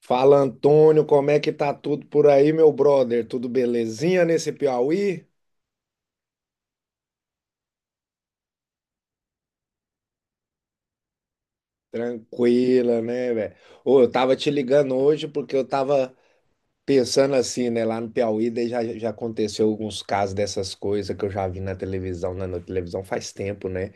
Fala Antônio, como é que tá tudo por aí, meu brother? Tudo belezinha nesse Piauí? Tranquila, né, velho? Ô, eu tava te ligando hoje porque eu tava pensando assim, né, lá no Piauí, daí já aconteceu alguns casos dessas coisas que eu já vi na televisão, na televisão faz tempo, né?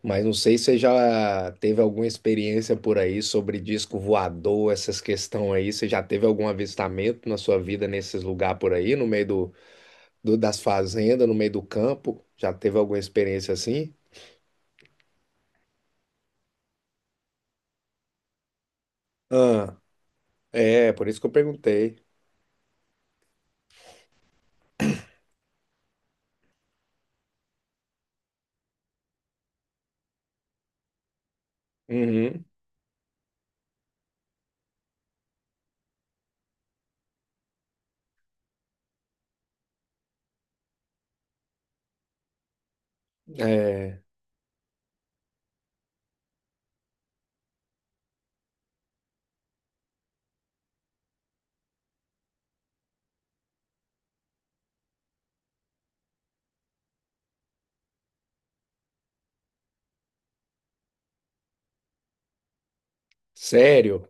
Mas não sei se você já teve alguma experiência por aí sobre disco voador, essas questões aí. Você já teve algum avistamento na sua vida nesses lugares por aí, no meio do das fazendas no meio do campo? Já teve alguma experiência assim? Ah, é, por isso que eu perguntei. Uhum, é, sério?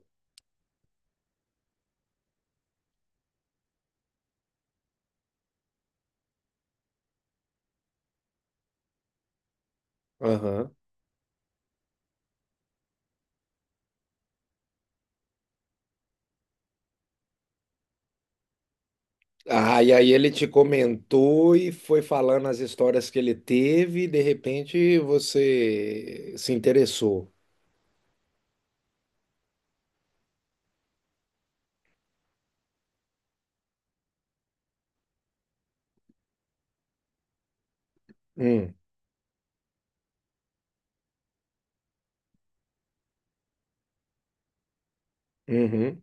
Aham. Ah, e aí ele te comentou e foi falando as histórias que ele teve e de repente você se interessou. Hum, uhum,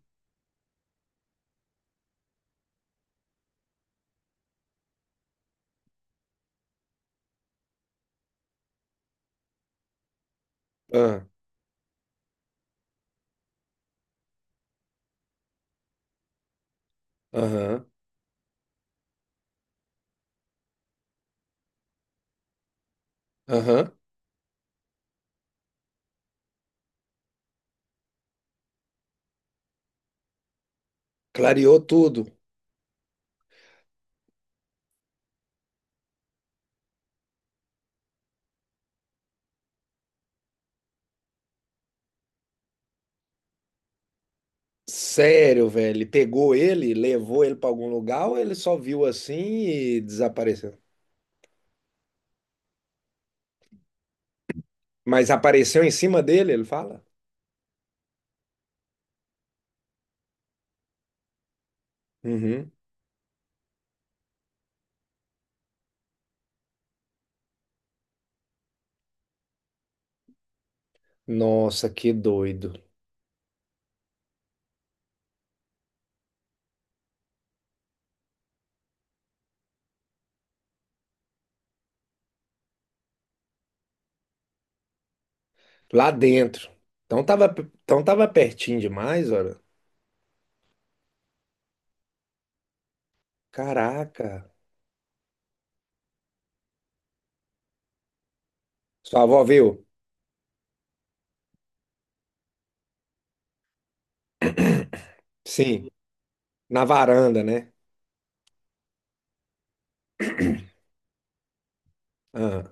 ah, aham, aham. Clareou tudo. Sério, velho. Pegou ele, levou ele para algum lugar ou ele só viu assim e desapareceu? Mas apareceu em cima dele, ele fala? Uhum. Nossa, que doido. Lá dentro. Então tava, então tava pertinho demais, olha. Caraca. Sua avó viu? Sim. Na varanda, né? Ah,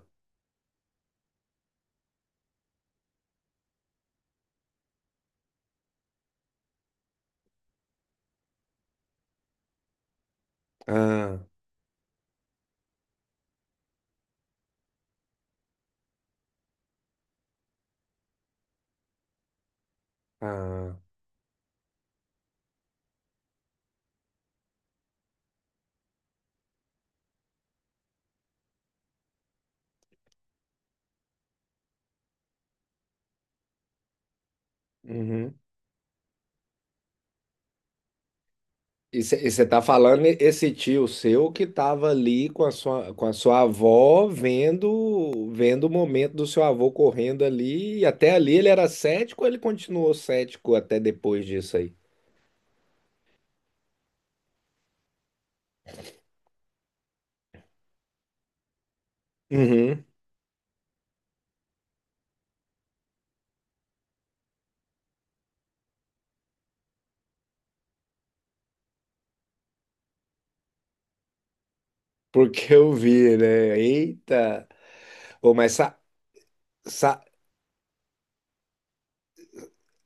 ah, ah. Uhum. E você tá falando esse tio seu que tava ali com a sua avó vendo, vendo o momento do seu avô correndo ali. E até ali ele era cético, ou ele continuou cético até depois disso aí. Uhum. Porque eu vi, né? Eita! Ô, mas sa, sa,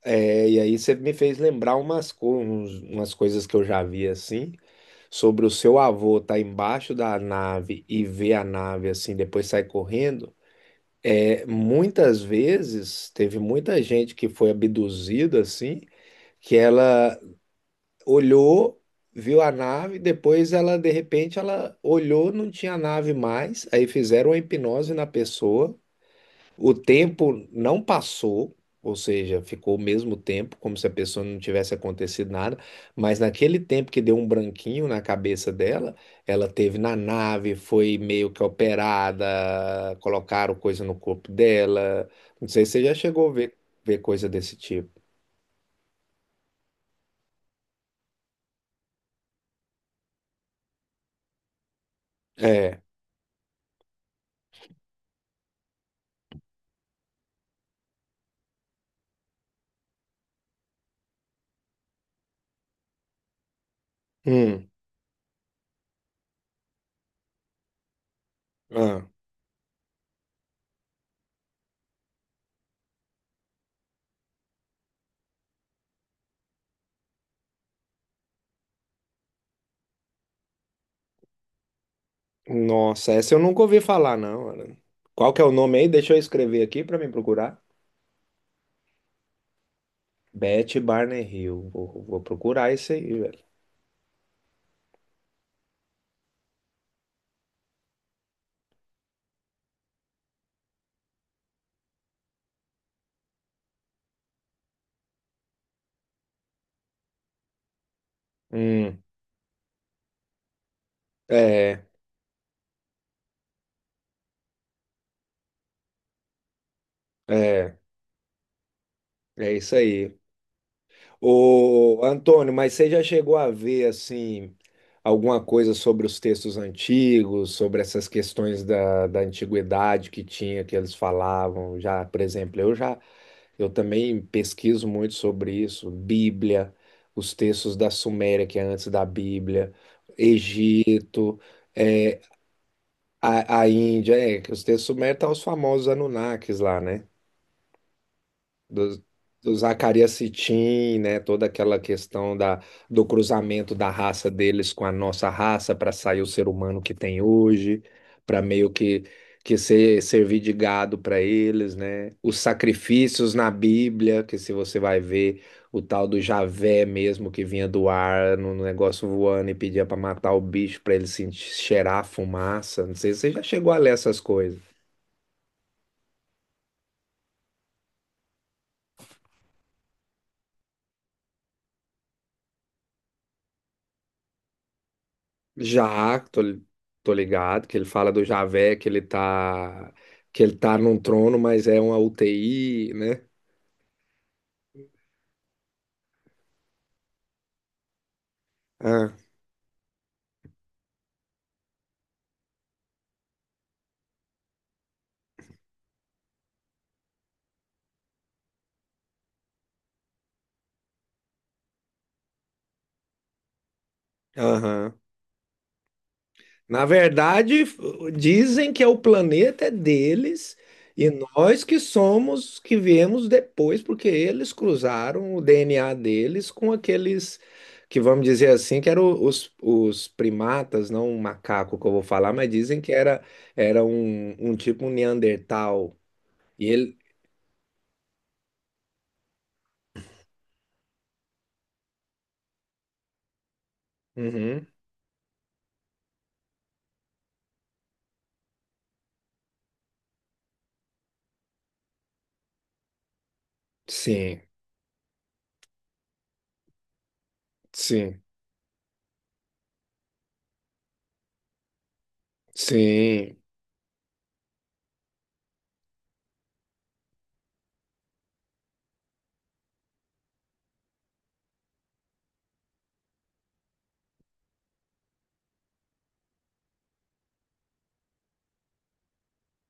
é, e aí você me fez lembrar umas, umas coisas que eu já vi assim, sobre o seu avô estar embaixo da nave e ver a nave assim, depois sai correndo. É, muitas vezes teve muita gente que foi abduzida assim, que ela olhou, viu a nave, depois ela de repente ela olhou, não tinha nave mais, aí fizeram a hipnose na pessoa. O tempo não passou, ou seja, ficou o mesmo tempo, como se a pessoa não tivesse acontecido nada, mas naquele tempo que deu um branquinho na cabeça dela, ela teve na nave, foi meio que operada, colocaram coisa no corpo dela. Não sei se você já chegou a ver coisa desse tipo. É. Hum. Ah. Nossa, essa eu nunca ouvi falar, não. Ana. Qual que é o nome aí? Deixa eu escrever aqui para mim procurar. Beth Barney Hill. Vou procurar esse aí, velho. Hum. É, é, é isso aí. Ô, Antônio, mas você já chegou a ver, assim, alguma coisa sobre os textos antigos, sobre essas questões da, da antiguidade que tinha, que eles falavam? Já, por exemplo, eu já, eu também pesquiso muito sobre isso, Bíblia, os textos da Suméria, que é antes da Bíblia, Egito, a Índia, é, que os textos sumérios estão os famosos Anunnakis lá, né? Do, do Zacarias Sitchin, né? Toda aquela questão da, do cruzamento da raça deles com a nossa raça para sair o ser humano que tem hoje, para meio que ser, servir de gado para eles, né? Os sacrifícios na Bíblia, que se você vai ver o tal do Javé mesmo que vinha do ar no, no negócio voando e pedia para matar o bicho para ele sentir, cheirar a fumaça. Não sei se você já chegou a ler essas coisas. Já, tô, tô ligado, que ele fala do Javé, que ele tá num trono, mas é uma UTI, né? Ah, aham. Na verdade, dizem que é o planeta é deles e nós que somos, que viemos depois, porque eles cruzaram o DNA deles com aqueles que, vamos dizer assim, que eram os primatas, não o macaco que eu vou falar, mas dizem que era, era um, um tipo um Neandertal. E ele. Uhum. Sim, sim, sim,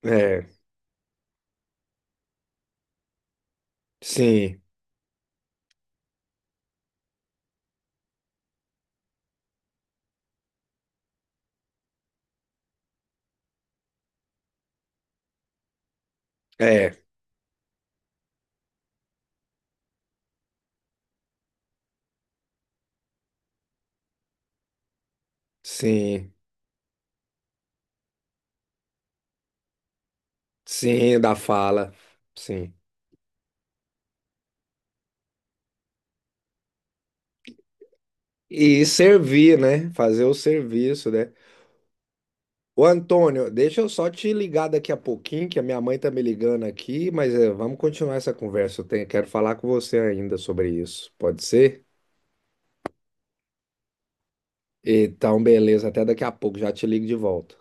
é, sim, é, sim, sim, da fala, sim. E servir, né? Fazer o serviço, né? Ô Antônio, deixa eu só te ligar daqui a pouquinho, que a minha mãe tá me ligando aqui, mas é, vamos continuar essa conversa. Eu tenho- quero falar com você ainda sobre isso, pode ser? Então, beleza, até daqui a pouco, já te ligo de volta.